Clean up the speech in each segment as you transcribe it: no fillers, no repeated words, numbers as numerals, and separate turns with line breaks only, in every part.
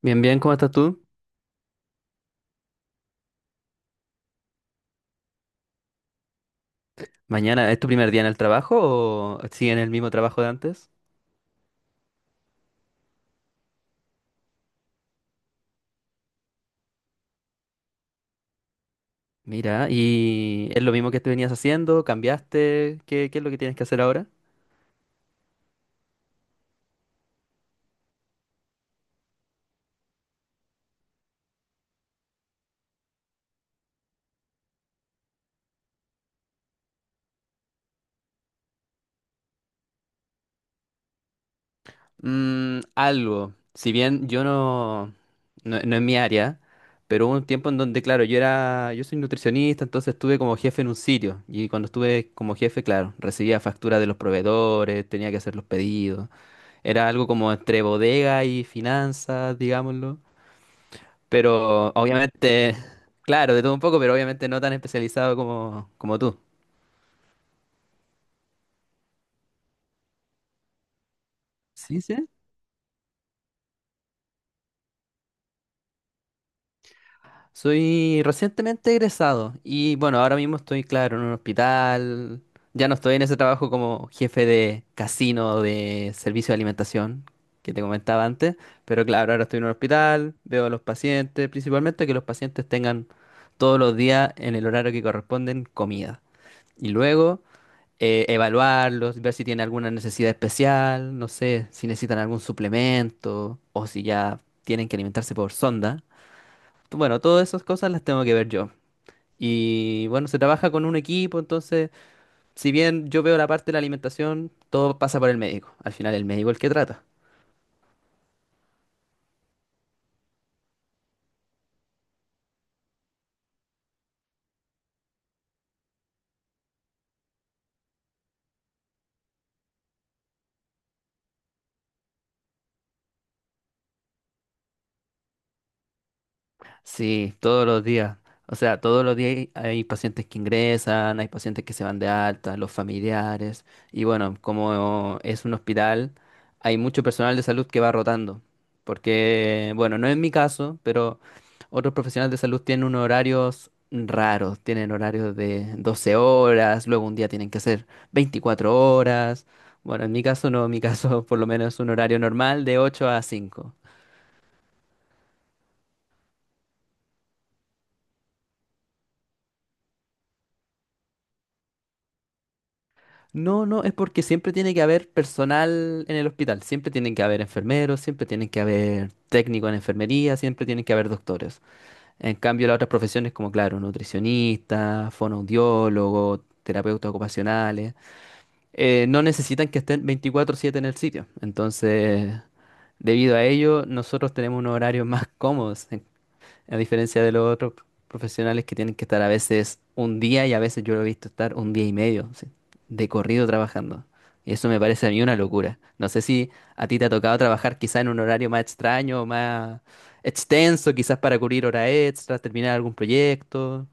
Bien, bien, ¿cómo estás tú? Mañana, ¿es tu primer día en el trabajo o siguen el mismo trabajo de antes? Mira, ¿y es lo mismo que te venías haciendo? ¿Cambiaste? ¿Qué es lo que tienes que hacer ahora? Mm, algo. Si bien yo no es mi área, pero hubo un tiempo en donde, claro, yo era, yo soy nutricionista, entonces estuve como jefe en un sitio. Y cuando estuve como jefe, claro, recibía facturas de los proveedores, tenía que hacer los pedidos. Era algo como entre bodega y finanzas, digámoslo. Pero obviamente, claro, de todo un poco, pero obviamente no tan especializado como, como tú. Sí, sí. Soy recientemente egresado y bueno, ahora mismo estoy, claro, en un hospital. Ya no estoy en ese trabajo como jefe de casino de servicio de alimentación que te comentaba antes, pero claro, ahora estoy en un hospital, veo a los pacientes, principalmente que los pacientes tengan todos los días en el horario que corresponden comida. Y luego evaluarlos, ver si tienen alguna necesidad especial, no sé, si necesitan algún suplemento o si ya tienen que alimentarse por sonda. Bueno, todas esas cosas las tengo que ver yo. Y bueno, se trabaja con un equipo, entonces, si bien yo veo la parte de la alimentación, todo pasa por el médico. Al final el médico es el que trata. Sí, todos los días. O sea, todos los días hay pacientes que ingresan, hay pacientes que se van de alta, los familiares. Y bueno, como es un hospital, hay mucho personal de salud que va rotando. Porque, bueno, no es mi caso, pero otros profesionales de salud tienen unos horarios raros. Tienen horarios de 12 horas, luego un día tienen que hacer 24 horas. Bueno, en mi caso no, en mi caso por lo menos es un horario normal de 8 a 5. No, no, es porque siempre tiene que haber personal en el hospital, siempre tienen que haber enfermeros, siempre tienen que haber técnicos en enfermería, siempre tienen que haber doctores. En cambio, las otras profesiones como, claro, nutricionistas, fonoaudiólogos, terapeutas ocupacionales, no necesitan que estén 24/7 en el sitio. Entonces, debido a ello, nosotros tenemos unos horarios más cómodos. A diferencia de los otros profesionales que tienen que estar a veces un día y a veces yo lo he visto estar un día y medio, sí, de corrido trabajando. Y eso me parece a mí una locura. No sé si a ti te ha tocado trabajar quizá en un horario más extraño, más extenso, quizás para cubrir horas extras, terminar algún proyecto.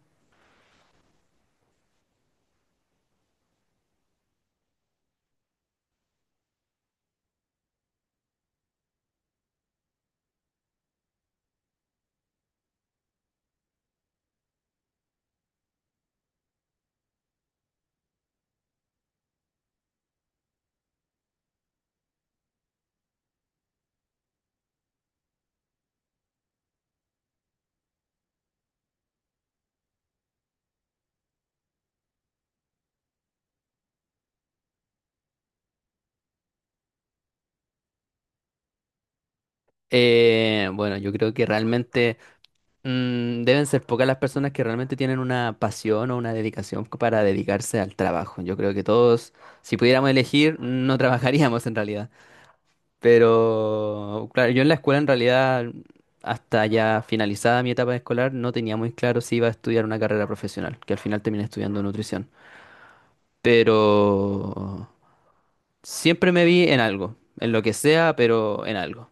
Bueno, yo creo que realmente deben ser pocas las personas que realmente tienen una pasión o una dedicación para dedicarse al trabajo. Yo creo que todos, si pudiéramos elegir, no trabajaríamos en realidad. Pero, claro, yo en la escuela en realidad, hasta ya finalizada mi etapa escolar, no tenía muy claro si iba a estudiar una carrera profesional, que al final terminé estudiando nutrición. Pero siempre me vi en algo, en lo que sea, pero en algo.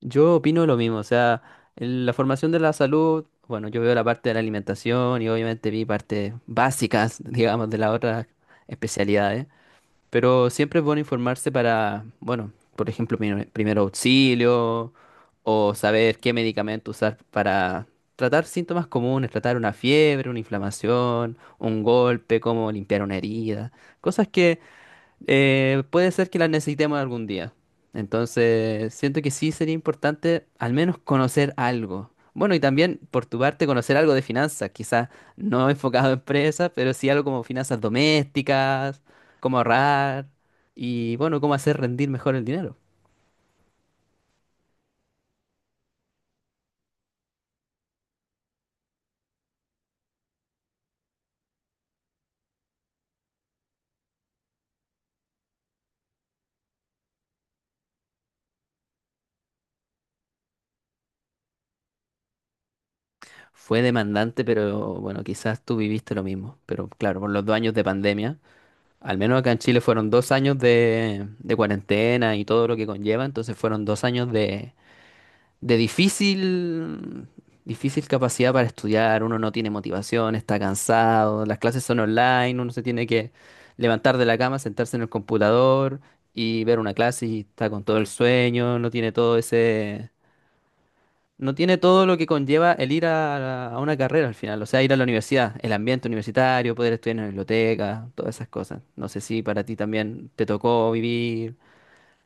Yo opino lo mismo, o sea, en la formación de la salud, bueno, yo veo la parte de la alimentación y obviamente vi partes básicas, digamos, de las otras especialidades. Pero siempre es bueno informarse para, bueno, por ejemplo, primer auxilio o saber qué medicamento usar para tratar síntomas comunes, tratar una fiebre, una inflamación, un golpe, cómo limpiar una herida. Cosas que puede ser que las necesitemos algún día. Entonces, siento que sí sería importante al menos conocer algo. Bueno, y también por tu parte conocer algo de finanzas, quizás no enfocado a empresas, pero sí algo como finanzas domésticas, cómo ahorrar y bueno, cómo hacer rendir mejor el dinero. Fue demandante, pero bueno, quizás tú viviste lo mismo. Pero claro, por los 2 años de pandemia, al menos acá en Chile fueron 2 años de cuarentena y todo lo que conlleva, entonces fueron 2 años de difícil, difícil capacidad para estudiar, uno no tiene motivación, está cansado, las clases son online, uno se tiene que levantar de la cama, sentarse en el computador y ver una clase y está con todo el sueño, no tiene todo ese, no tiene todo lo que conlleva el ir a una carrera al final, o sea, ir a la universidad, el ambiente universitario, poder estudiar en la biblioteca, todas esas cosas. No sé si para ti también te tocó vivir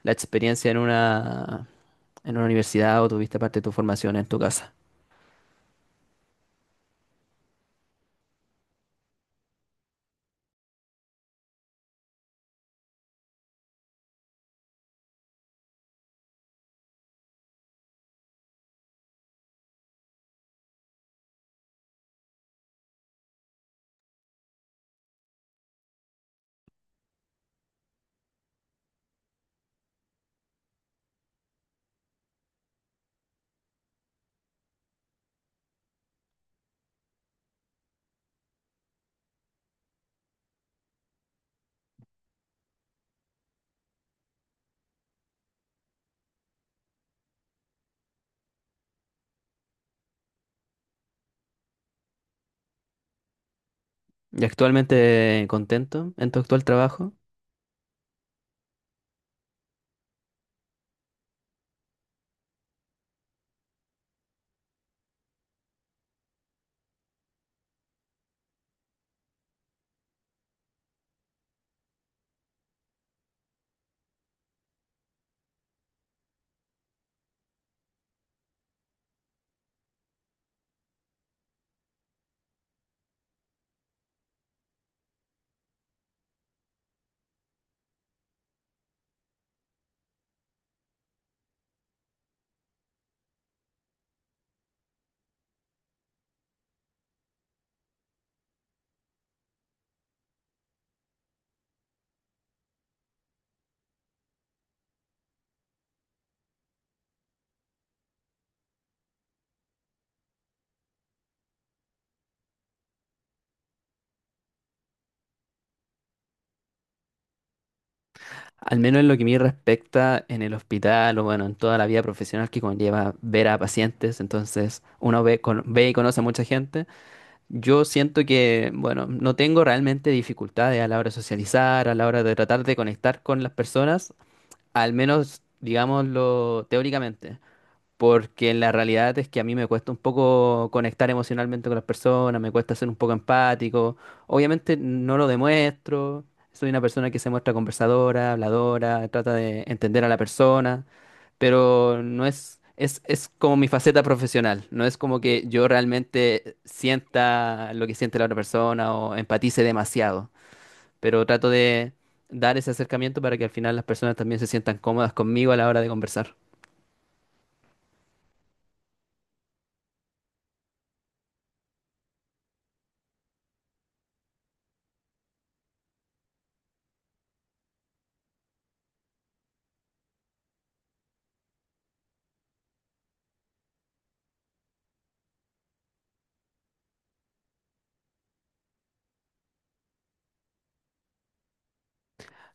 la experiencia en una universidad o tuviste parte de tu formación en tu casa. ¿Y actualmente contento en tu actual trabajo? Al menos en lo que me respecta en el hospital o bueno, en toda la vida profesional que conlleva ver a pacientes, entonces uno ve y conoce a mucha gente. Yo siento que, bueno, no tengo realmente dificultades a la hora de socializar, a la hora de tratar de conectar con las personas, al menos, digámoslo, teóricamente. Porque la realidad es que a mí me cuesta un poco conectar emocionalmente con las personas, me cuesta ser un poco empático. Obviamente no lo demuestro, soy una persona que se muestra conversadora, habladora, trata de entender a la persona, pero no es como mi faceta profesional, no es como que yo realmente sienta lo que siente la otra persona o empatice demasiado, pero trato de dar ese acercamiento para que al final las personas también se sientan cómodas conmigo a la hora de conversar.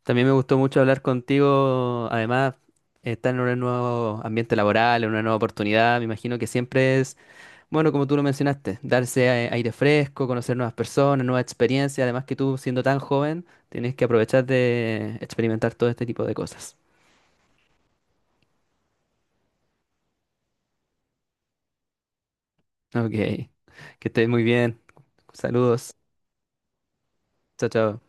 También me gustó mucho hablar contigo. Además, estar en un nuevo ambiente laboral, en una nueva oportunidad, me imagino que siempre es, bueno, como tú lo mencionaste, darse aire fresco, conocer nuevas personas, nuevas experiencias. Además que tú, siendo tan joven, tienes que aprovechar de experimentar todo este tipo de cosas. Ok, que estés muy bien. Saludos. Chao, chao.